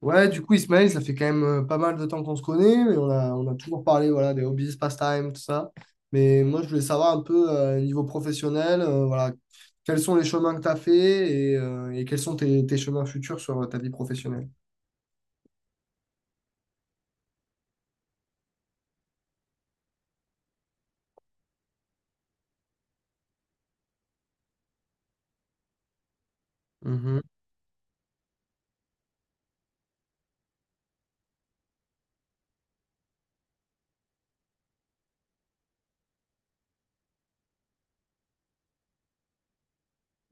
Ouais, du coup, Ismaël, ça fait quand même pas mal de temps qu'on se connaît, mais on a toujours parlé, voilà, des hobbies, pastimes, tout ça. Mais moi, je voulais savoir un peu, niveau professionnel, voilà, quels sont les chemins que tu as fait et quels sont tes chemins futurs sur ta vie professionnelle. Mhm,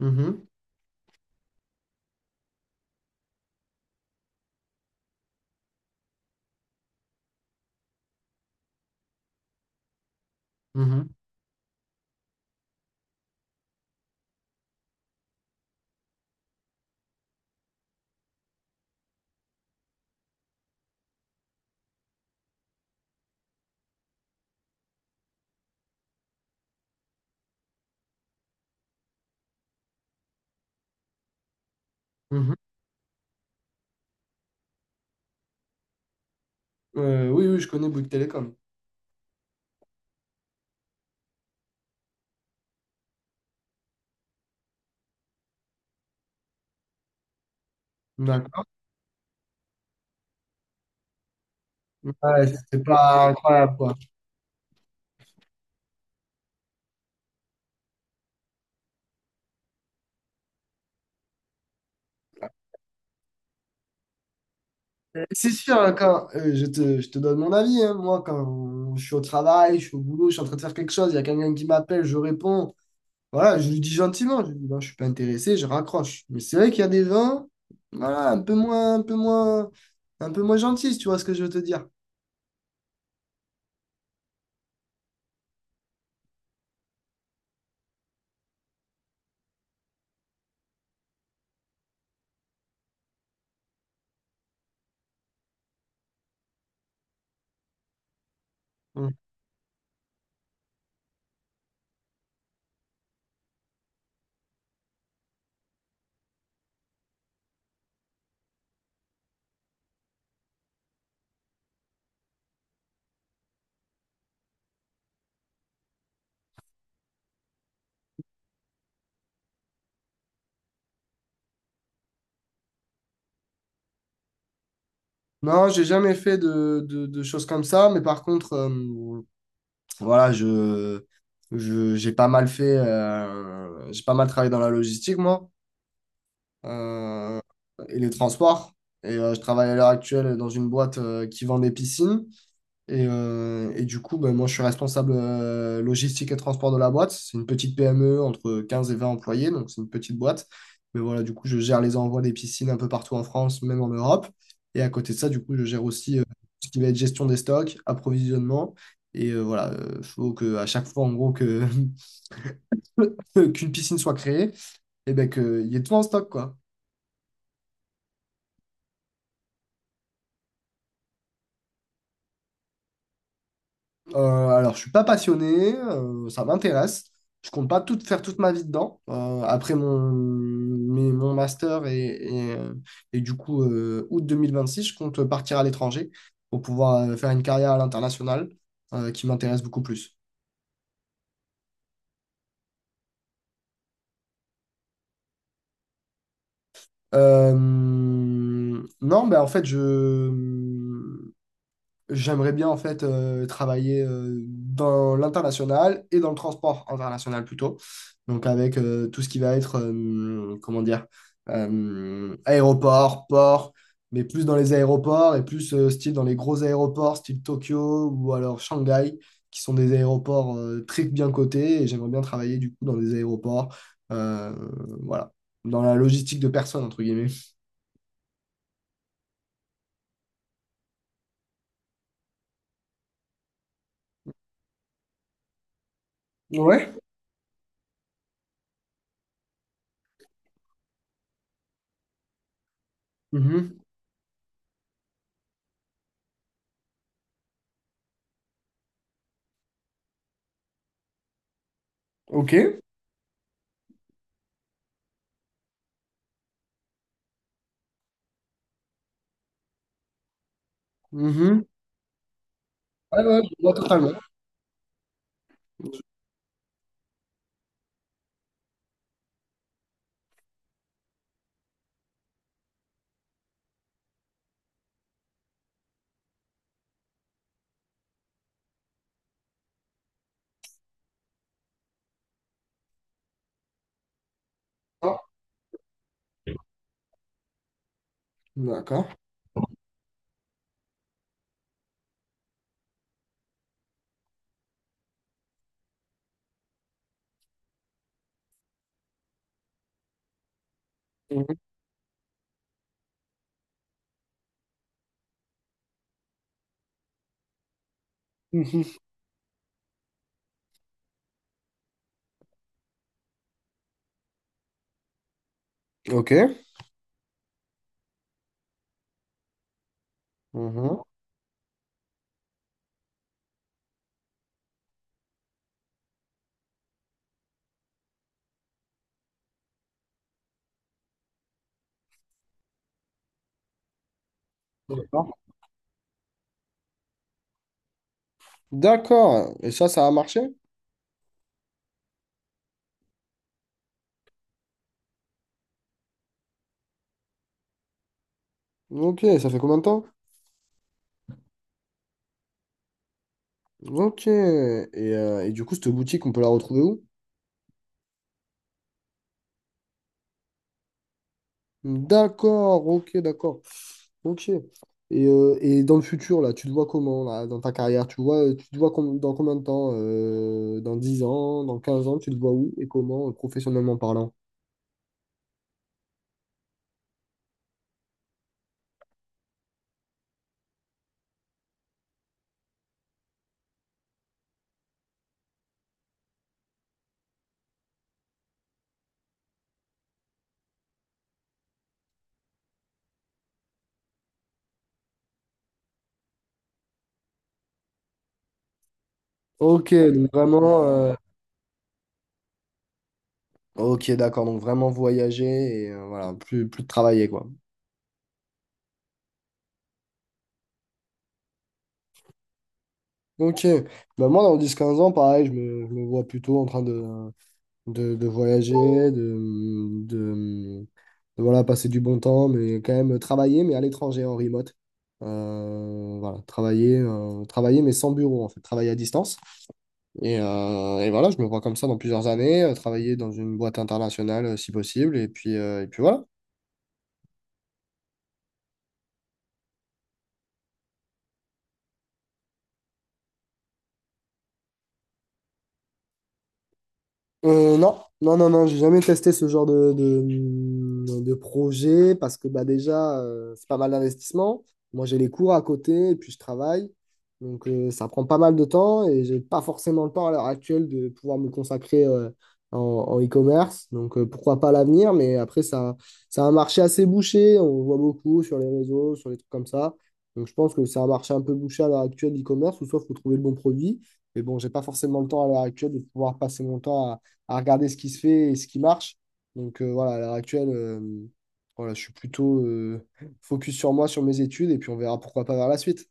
mhm, mhm, mhm. Oui, oui, je connais Bouygues Télécom. D'accord. Ouais, c'est pas incroyable, quoi. C'est sûr, hein, quand je te donne mon avis, hein. Moi, quand je suis au travail, je suis au boulot, je suis en train de faire quelque chose, il y a quelqu'un qui m'appelle, je réponds. Voilà, je lui dis gentiment, je lui dis non, je suis pas intéressé, je raccroche. Mais c'est vrai qu'il y a des vins, voilà, un peu moins gentils, si tu vois ce que je veux te dire. Mm. Non, j'ai jamais fait de choses comme ça, mais par contre, voilà, j'ai pas mal fait, j'ai pas mal travaillé dans la logistique, moi, euh, et les transports. Et je travaille à l'heure actuelle dans une boîte qui vend des piscines. Et du coup, ben, moi, je suis responsable logistique et transport de la boîte. C'est une petite PME entre 15 et 20 employés, donc c'est une petite boîte. Mais voilà, du coup, je gère les envois des piscines un peu partout en France, même en Europe. Et à côté de ça, du coup, je gère aussi ce qui va être gestion des stocks, approvisionnement. Et voilà, il faut que à chaque fois, en gros, que qu'une piscine soit créée, et ben qu'il y ait tout en stock, quoi. Alors, je suis pas passionné, ça m'intéresse. Je compte pas tout faire toute ma vie dedans. Après mon master et, et du coup, août six je compte partir à l'étranger pour pouvoir faire une carrière à l'international qui m'intéresse beaucoup plus. Euh, non, ben en fait, j'aimerais bien en fait travailler dans l'international et dans le transport international plutôt. Donc avec tout ce qui va être comment dire, aéroport, port, mais plus dans les aéroports et plus style dans les gros aéroports style Tokyo ou alors Shanghai qui sont des aéroports très bien cotés et j'aimerais bien travailler du coup dans des aéroports, euh, voilà, dans la logistique de personnes entre guillemets. Ouais. Mhm. Ok. Mhm. Ouais, ouais, je vois totalement. D'accord. Mhm. Mhm. Ok. Mhm. D'accord. D'accord. Et ça a marché? Ok, ça fait combien de temps? Ok. Et du coup, cette boutique, on peut la retrouver où? D'accord, ok, d'accord. Ok. Et dans le futur, là, tu te vois comment, là, dans ta carrière? Tu vois, tu te vois dans combien de temps? Dans 10 ans, dans 15 ans, tu te vois où et comment, professionnellement parlant? Ok, donc vraiment. Ok, d'accord. Donc vraiment voyager et voilà, plus de travailler, quoi. Ok, bah moi dans 10 15 ans, pareil, je me vois plutôt en train de, de voyager, de, voilà, passer du bon temps, mais quand même travailler, mais à l'étranger, en remote. Voilà, travailler, mais sans bureau, en fait, travailler à distance. Et voilà, je me vois comme ça dans plusieurs années, travailler dans une boîte internationale si possible, et puis voilà. Non, non, non, non, j'ai jamais testé ce genre de projet parce que bah, déjà, c'est pas mal d'investissement. Moi, j'ai les cours à côté et puis je travaille. Donc, ça prend pas mal de temps et j'ai pas forcément le temps à l'heure actuelle de pouvoir me consacrer en e-commerce. Donc, pourquoi pas à l'avenir, mais après, ça, c'est un marché assez bouché. On voit beaucoup sur les réseaux, sur les trucs comme ça. Donc, je pense que c'est un marché un peu bouché à l'heure actuelle, l'e-commerce, ou soit il faut trouver le bon produit. Mais bon, j'ai pas forcément le temps à l'heure actuelle de pouvoir passer mon temps à regarder ce qui se fait et ce qui marche. Donc voilà, à l'heure actuelle, voilà, je suis plutôt focus sur moi, sur mes études, et puis on verra pourquoi pas vers la suite.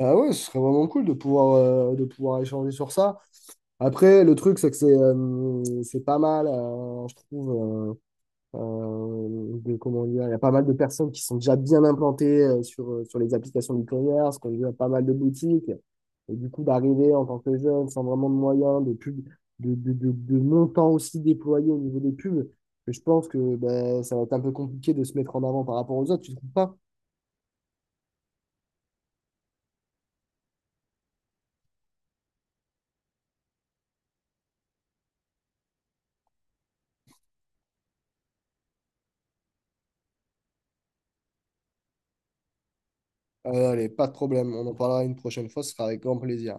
Ah ouais, ce serait vraiment cool de pouvoir échanger sur ça. Après, le truc, c'est que c'est pas mal, je trouve. De comment dire, il y a pas mal de personnes qui sont déjà bien implantées sur, sur les applications e-commerce, qu'on a pas mal de boutiques. Et du coup, d'arriver en tant que jeune, sans vraiment de moyens, de pub, de montants aussi déployés au niveau des pubs, que je pense que ben, ça va être un peu compliqué de se mettre en avant par rapport aux autres, tu ne trouves pas? Allez, pas de problème, on en parlera une prochaine fois, ce sera avec grand plaisir.